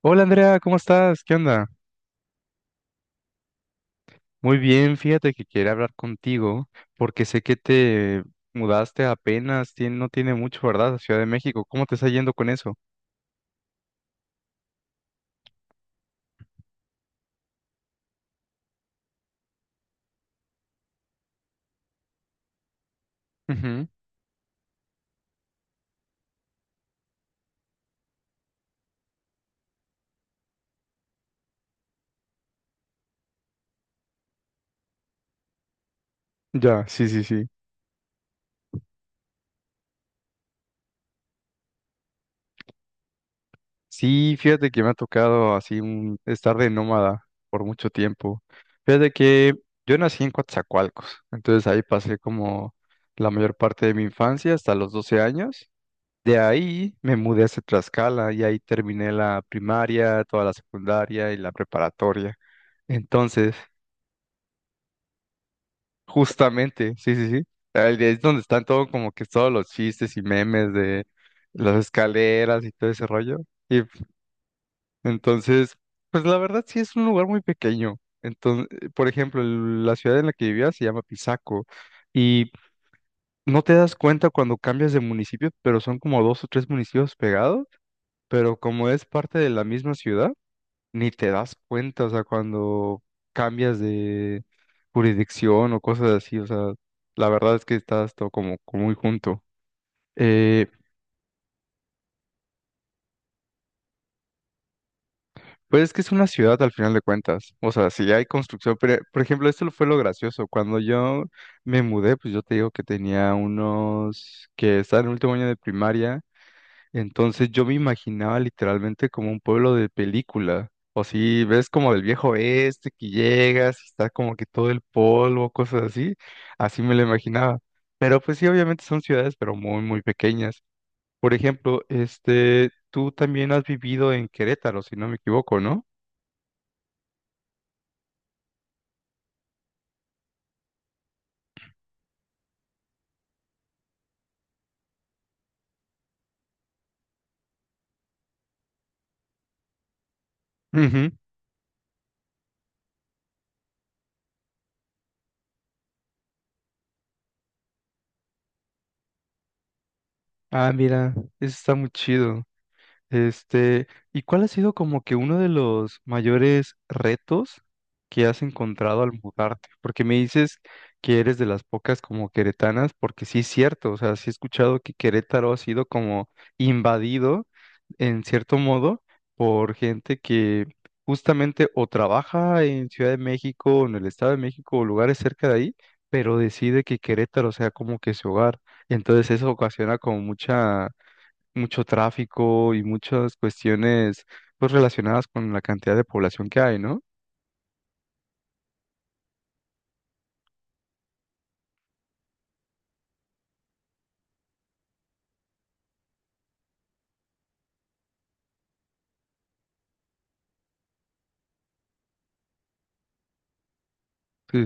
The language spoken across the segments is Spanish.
Hola Andrea, ¿cómo estás? ¿Qué onda? Muy bien, fíjate que quería hablar contigo porque sé que te mudaste apenas, no tiene mucho, ¿verdad? A Ciudad de México, ¿cómo te está yendo con eso? Ujú. Ya, sí, sí, sí. Sí, fíjate que me ha tocado estar de nómada por mucho tiempo. Fíjate que yo nací en Coatzacoalcos, entonces ahí pasé como la mayor parte de mi infancia hasta los 12 años. De ahí me mudé hacia Tlaxcala y ahí terminé la primaria, toda la secundaria y la preparatoria. Entonces, justamente, sí, sí, sí, ahí es donde están todo como que todos los chistes y memes de las escaleras y todo ese rollo. Y pues, entonces, pues la verdad sí es un lugar muy pequeño. Entonces, por ejemplo, la ciudad en la que vivía se llama Pisaco y no te das cuenta cuando cambias de municipio, pero son como dos o tres municipios pegados, pero como es parte de la misma ciudad, ni te das cuenta, o sea, cuando cambias de jurisdicción o cosas así, o sea, la verdad es que estás todo como, como muy junto. Eh, pues es que es una ciudad al final de cuentas, o sea, si hay construcción, pero, por ejemplo, esto fue lo gracioso, cuando yo me mudé, pues yo te digo que tenía unos, que estaba en el último año de primaria. Entonces yo me imaginaba literalmente como un pueblo de película. O si ves como del viejo oeste que llegas, está como que todo el polvo, cosas así. Así me lo imaginaba. Pero pues sí, obviamente son ciudades, pero muy, muy pequeñas. Por ejemplo, este, tú también has vivido en Querétaro, si no me equivoco, ¿no? Ujú. Ah, mira, eso está muy chido. Este, ¿y cuál ha sido como que uno de los mayores retos que has encontrado al mudarte? Porque me dices que eres de las pocas como queretanas, porque sí es cierto, o sea, sí he escuchado que Querétaro ha sido como invadido en cierto modo por gente que justamente o trabaja en Ciudad de México, o en el Estado de México o lugares cerca de ahí, pero decide que Querétaro sea como que su hogar. Entonces eso ocasiona como mucha mucho tráfico y muchas cuestiones pues relacionadas con la cantidad de población que hay, ¿no? Sí,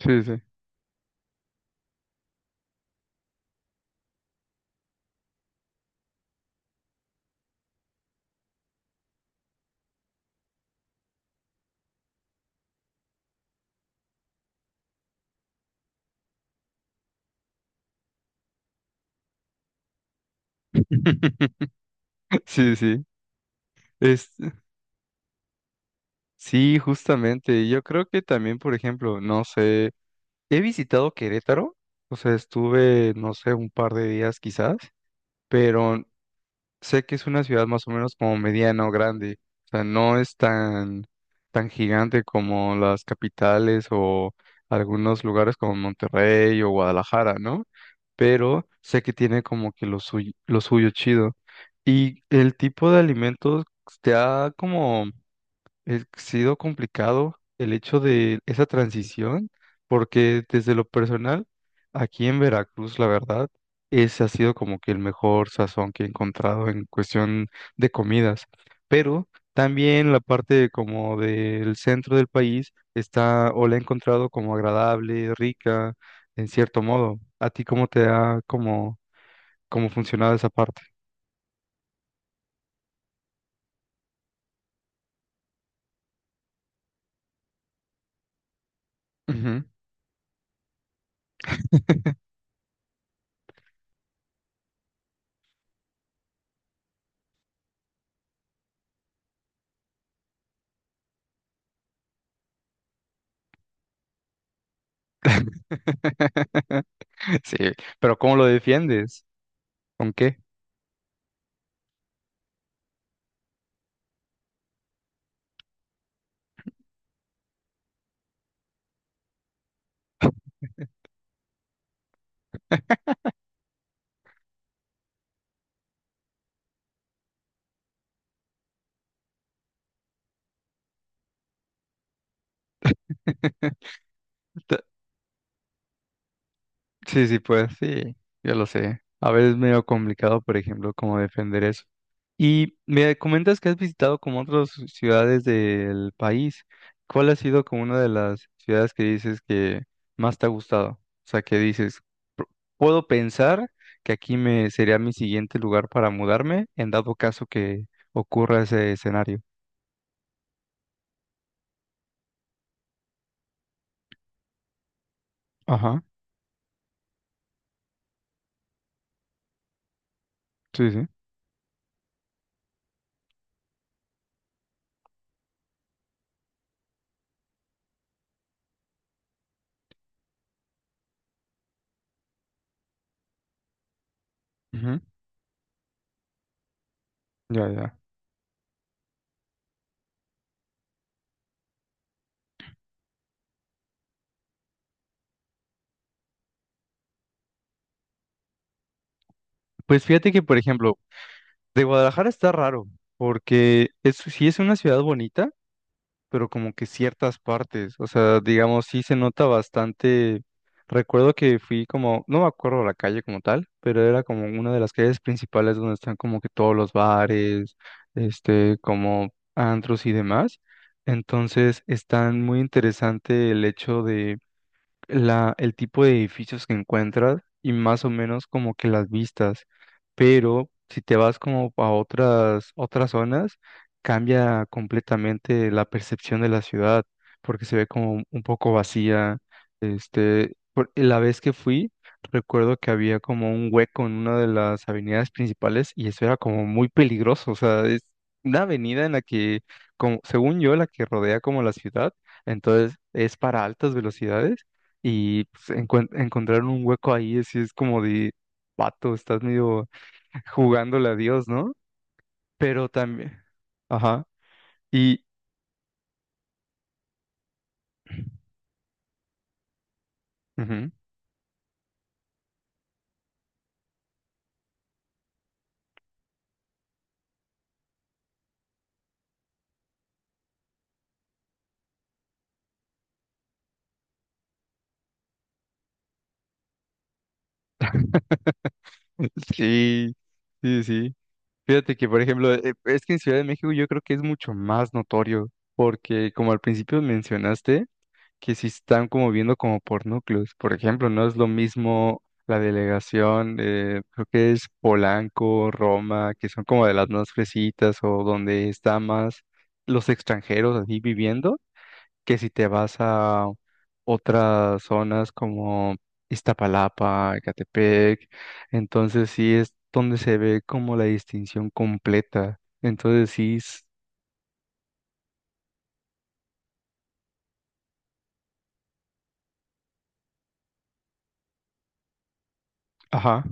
sí, sí, sí. Sí, sí. Es, sí, justamente. Yo creo que también, por ejemplo, no sé, he visitado Querétaro, o sea, estuve, no sé, un par de días quizás, pero sé que es una ciudad más o menos como mediana o grande, o sea, no es tan, tan gigante como las capitales o algunos lugares como Monterrey o Guadalajara, ¿no? Pero sé que tiene como que lo suyo chido. Y el tipo de alimentos te ha como, ha sido complicado el hecho de esa transición, porque desde lo personal, aquí en Veracruz, la verdad, ese ha sido como que el mejor sazón que he encontrado en cuestión de comidas. Pero también la parte como del centro del país está o la he encontrado como agradable, rica, en cierto modo. ¿A ti cómo te ha como, cómo funcionado esa parte? Ujú. Sí, pero ¿cómo lo defiendes? ¿Con qué? Ta- Sí, sí, pues sí, yo lo sé. A veces es medio complicado, por ejemplo, cómo defender eso. Y me comentas que has visitado como otras ciudades del país. ¿Cuál ha sido como una de las ciudades que dices que más te ha gustado? O sea, que dices, "P- puedo pensar que aquí me sería mi siguiente lugar para mudarme en dado caso que ocurra ese escenario". Ajá, sí, sí. Ujú. Ya, ya. Pues fíjate que, por ejemplo, de Guadalajara está raro, porque es, sí es una ciudad bonita, pero como que ciertas partes, o sea, digamos, sí se nota bastante. Recuerdo que fui como, no me acuerdo la calle como tal, pero era como una de las calles principales donde están como que todos los bares, este, como antros y demás. Entonces, está muy interesante el hecho de la, el tipo de edificios que encuentras y más o menos como que las vistas, pero si te vas como a otras zonas, cambia completamente la percepción de la ciudad, porque se ve como un poco vacía. Este, la vez que fui, recuerdo que había como un hueco en una de las avenidas principales y eso era como muy peligroso, o sea, es una avenida en la que, como, según yo, la que rodea como la ciudad, entonces es para altas velocidades y pues, encontraron un hueco ahí, así es como de, vato, estás medio jugándole a Dios, ¿no? Pero también, ajá, y, ujú, sí, sí, sí. Fíjate que, por ejemplo, es que en Ciudad de México yo creo que es mucho más notorio, porque como al principio mencionaste, que sí están como viendo como por núcleos. Por ejemplo, no es lo mismo la delegación, creo que es Polanco, Roma, que son como de las más fresitas o donde está más los extranjeros así viviendo, que si te vas a otras zonas como Iztapalapa, Ecatepec. Entonces sí es donde se ve como la distinción completa. Entonces sí, es- ajá.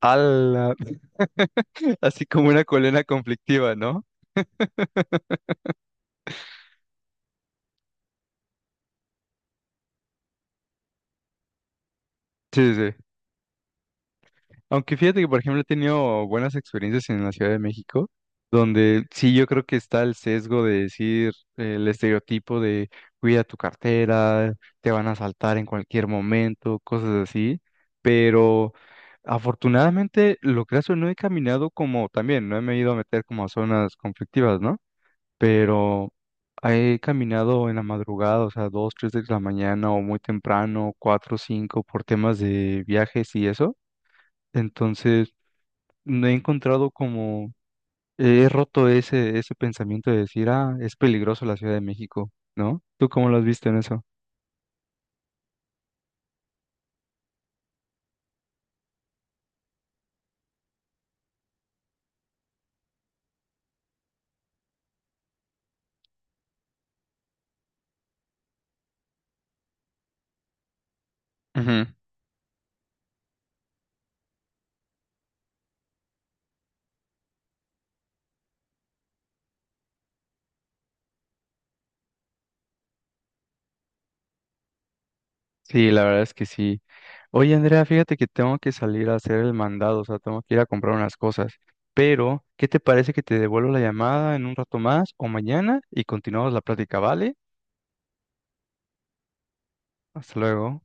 Ala, así como una colena conflictiva, ¿no? Sí, sí. Sí. Aunque fíjate que, por ejemplo, he tenido buenas experiencias en la Ciudad de México, donde sí yo creo que está el sesgo de decir, el estereotipo de cuida tu cartera, te van a asaltar en cualquier momento, cosas así. Pero afortunadamente, lo que hace, no he caminado como también, no me he ido a meter como a zonas conflictivas, ¿no? Pero he caminado en la madrugada, o sea, dos, tres de la mañana o muy temprano, cuatro, cinco, por temas de viajes y eso. Entonces, no he encontrado como, he roto ese, ese pensamiento de decir, ah, es peligroso la Ciudad de México, ¿no? ¿Tú cómo lo has visto en eso? Ujú. Sí, la verdad es que sí. Oye, Andrea, fíjate que tengo que salir a hacer el mandado, o sea, tengo que ir a comprar unas cosas. Pero, ¿qué te parece que te devuelvo la llamada en un rato más o mañana y continuamos la plática, ¿vale? Hasta luego.